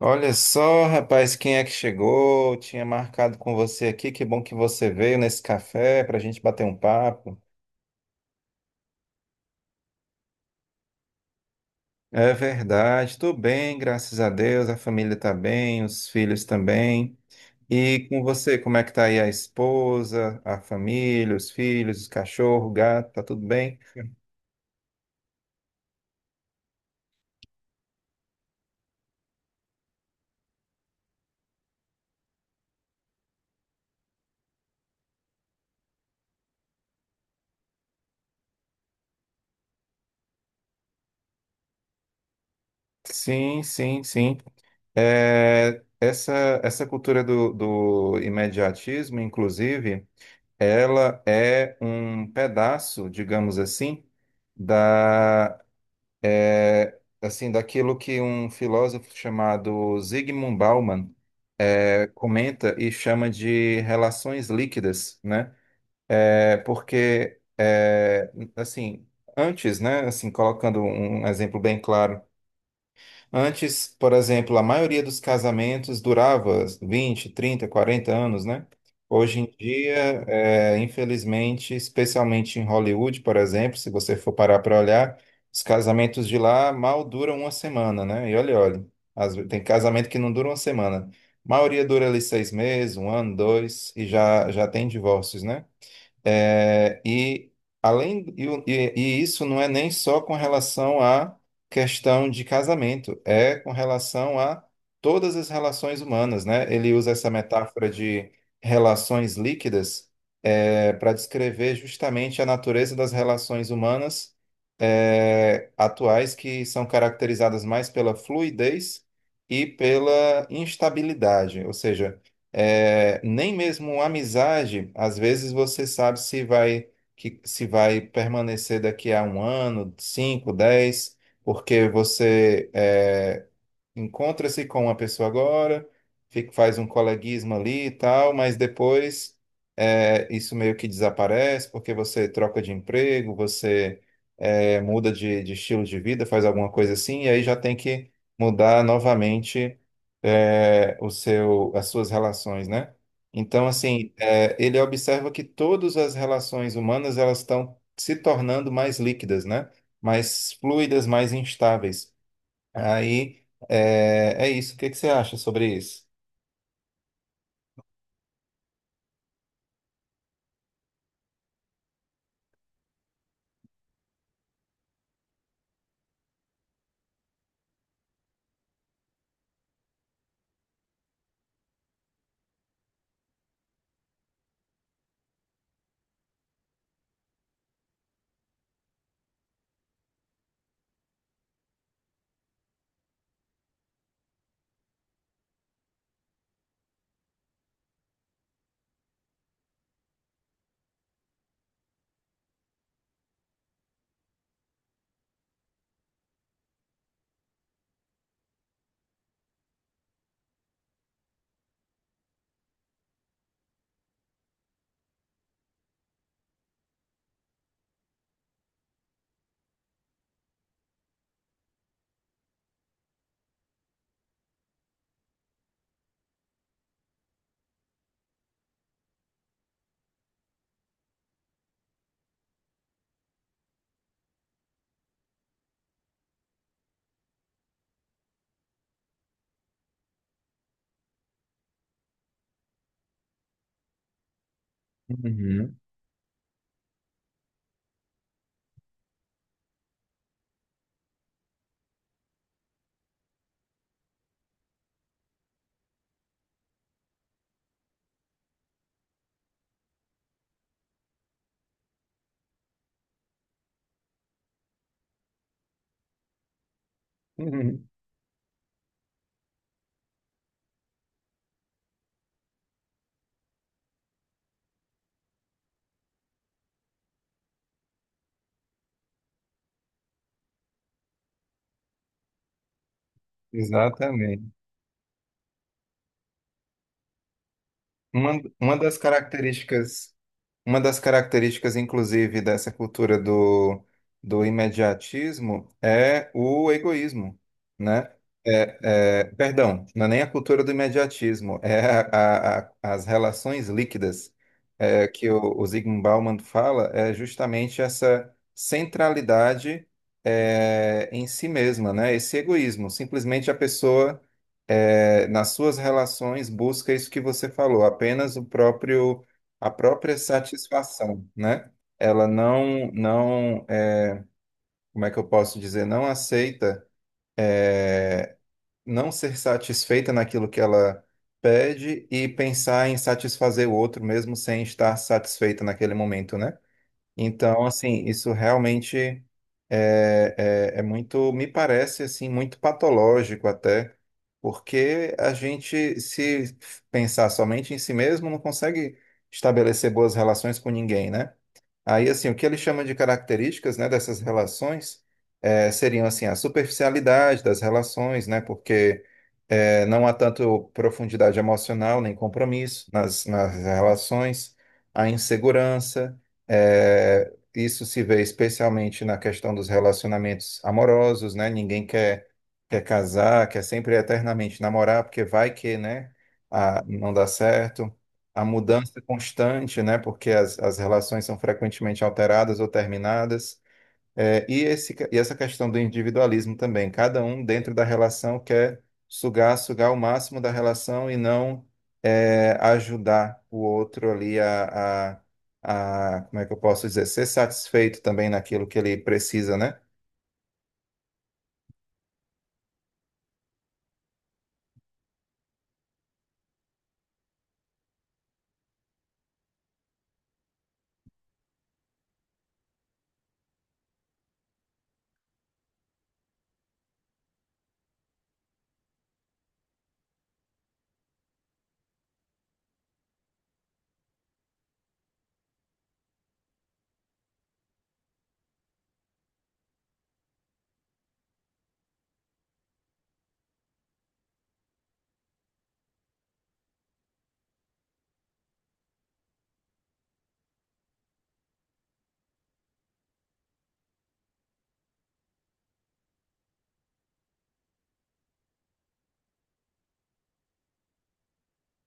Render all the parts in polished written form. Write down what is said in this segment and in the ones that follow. Olha só, rapaz, quem é que chegou? Tinha marcado com você aqui. Que bom que você veio nesse café para a gente bater um papo. É verdade, tô bem, graças a Deus. A família tá bem, os filhos também. E com você, como é que tá aí a esposa, a família, os filhos, o cachorro, o gato? Tá tudo bem? Sim, sim, sim. É, essa cultura do imediatismo, inclusive. Ela é um pedaço, digamos assim, da assim daquilo que um filósofo chamado Zygmunt Bauman comenta e chama de relações líquidas, né? É, porque assim antes, né? Assim colocando um exemplo bem claro. Antes, por exemplo, a maioria dos casamentos durava 20, 30, 40 anos, né? Hoje em dia, infelizmente, especialmente em Hollywood, por exemplo, se você for parar para olhar, os casamentos de lá mal duram uma semana, né? E olha, olha, tem casamento que não dura uma semana. A maioria dura ali 6 meses, um ano, dois, e já tem divórcios, né? É, e, além, e, o- e- e isso não é nem só com relação à questão de casamento, é com relação a todas as relações humanas, né? Ele usa essa metáfora de relações líquidas para descrever justamente a natureza das relações humanas atuais, que são caracterizadas mais pela fluidez e pela instabilidade. Ou seja, nem mesmo uma amizade, às vezes você sabe se vai que se vai permanecer daqui a um ano, 5, 10, porque você encontra-se com uma pessoa agora, faz um coleguismo ali e tal, mas depois isso meio que desaparece, porque você troca de emprego, você muda de estilo de vida, faz alguma coisa assim, e aí já tem que mudar novamente o seu, as suas relações, né? Então, assim, ele observa que todas as relações humanas, elas estão se tornando mais líquidas, né? Mais fluidas, mais instáveis. Aí é isso. O que que você acha sobre isso? Uhum, uhum. Exatamente. Uma das características. Uma das características, inclusive, dessa cultura do imediatismo é o egoísmo, né? É, perdão, não é nem a cultura do imediatismo, é as relações líquidas, que o Zygmunt Bauman fala, é justamente essa centralidade em si mesma, né? Esse egoísmo, simplesmente a pessoa nas suas relações busca isso que você falou, apenas o próprio a própria satisfação, né? Ela não, como é que eu posso dizer, não aceita não ser satisfeita naquilo que ela pede e pensar em satisfazer o outro mesmo sem estar satisfeita naquele momento, né? Então, assim, isso realmente é, é muito, me parece assim, muito patológico até, porque a gente, se pensar somente em si mesmo, não consegue estabelecer boas relações com ninguém, né? Aí, assim, o que ele chama de características, né, dessas relações seriam, assim, a superficialidade das relações, né, porque não há tanto profundidade emocional nem compromisso nas relações, a insegurança, isso se vê especialmente na questão dos relacionamentos amorosos, né. Ninguém quer casar, quer sempre eternamente namorar, porque vai que, né, a, não dá certo, a mudança constante, né? Porque as relações são frequentemente alteradas ou terminadas. E essa questão do individualismo também. Cada um dentro da relação quer sugar o máximo da relação, e não ajudar o outro ali a, como é que eu posso dizer, ser satisfeito também naquilo que ele precisa, né?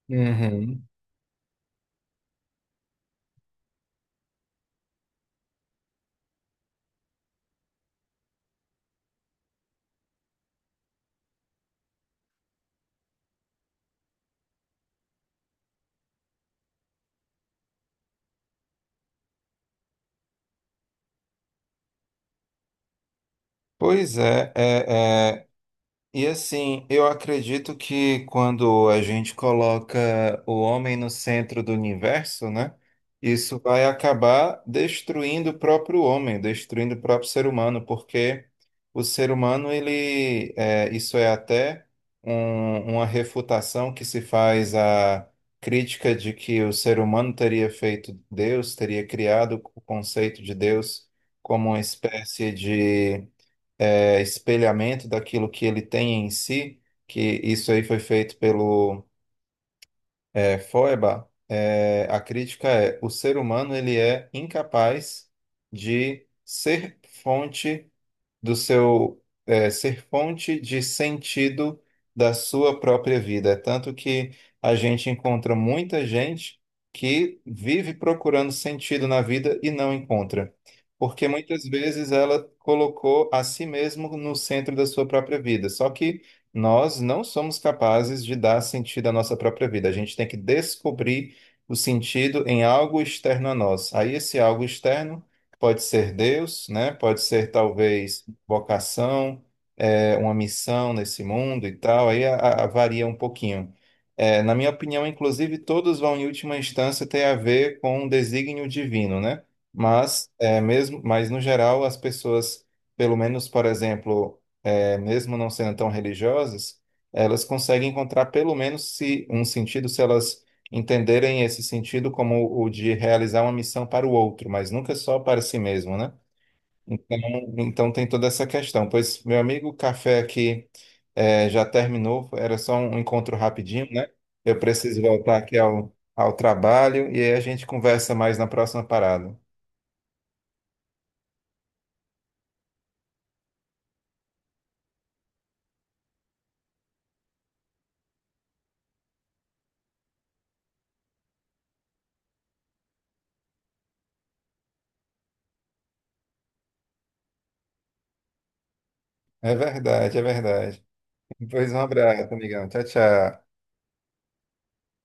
Uhum. Pois é, e assim, eu acredito que, quando a gente coloca o homem no centro do universo, né, isso vai acabar destruindo o próprio homem, destruindo o próprio ser humano, porque o ser humano, ele, isso é até uma refutação que se faz à crítica de que o ser humano teria feito Deus, teria criado o conceito de Deus como uma espécie de espelhamento daquilo que ele tem em si, que isso aí foi feito pelo Feuerbach. É, a crítica é: o ser humano, ele é incapaz de ser fonte ser fonte de sentido da sua própria vida. É tanto que a gente encontra muita gente que vive procurando sentido na vida e não encontra, porque muitas vezes ela colocou a si mesmo no centro da sua própria vida. Só que nós não somos capazes de dar sentido à nossa própria vida. A gente tem que descobrir o sentido em algo externo a nós. Aí esse algo externo pode ser Deus, né? Pode ser talvez vocação, uma missão nesse mundo e tal. Aí varia um pouquinho. É, na minha opinião, inclusive, todos vão, em última instância, ter a ver com um desígnio divino, né? Mas, no geral, as pessoas, pelo menos, por exemplo, mesmo não sendo tão religiosas, elas conseguem encontrar, pelo menos, se, um sentido, se elas entenderem esse sentido como o de realizar uma missão para o outro, mas nunca só para si mesmo, né? Então, então tem toda essa questão. Pois, meu amigo, o café aqui já terminou, era só um encontro rapidinho, né? Eu preciso voltar aqui ao trabalho, e aí a gente conversa mais na próxima parada. É verdade, é verdade. Pois um abraço, amigão. Tchau, tchau.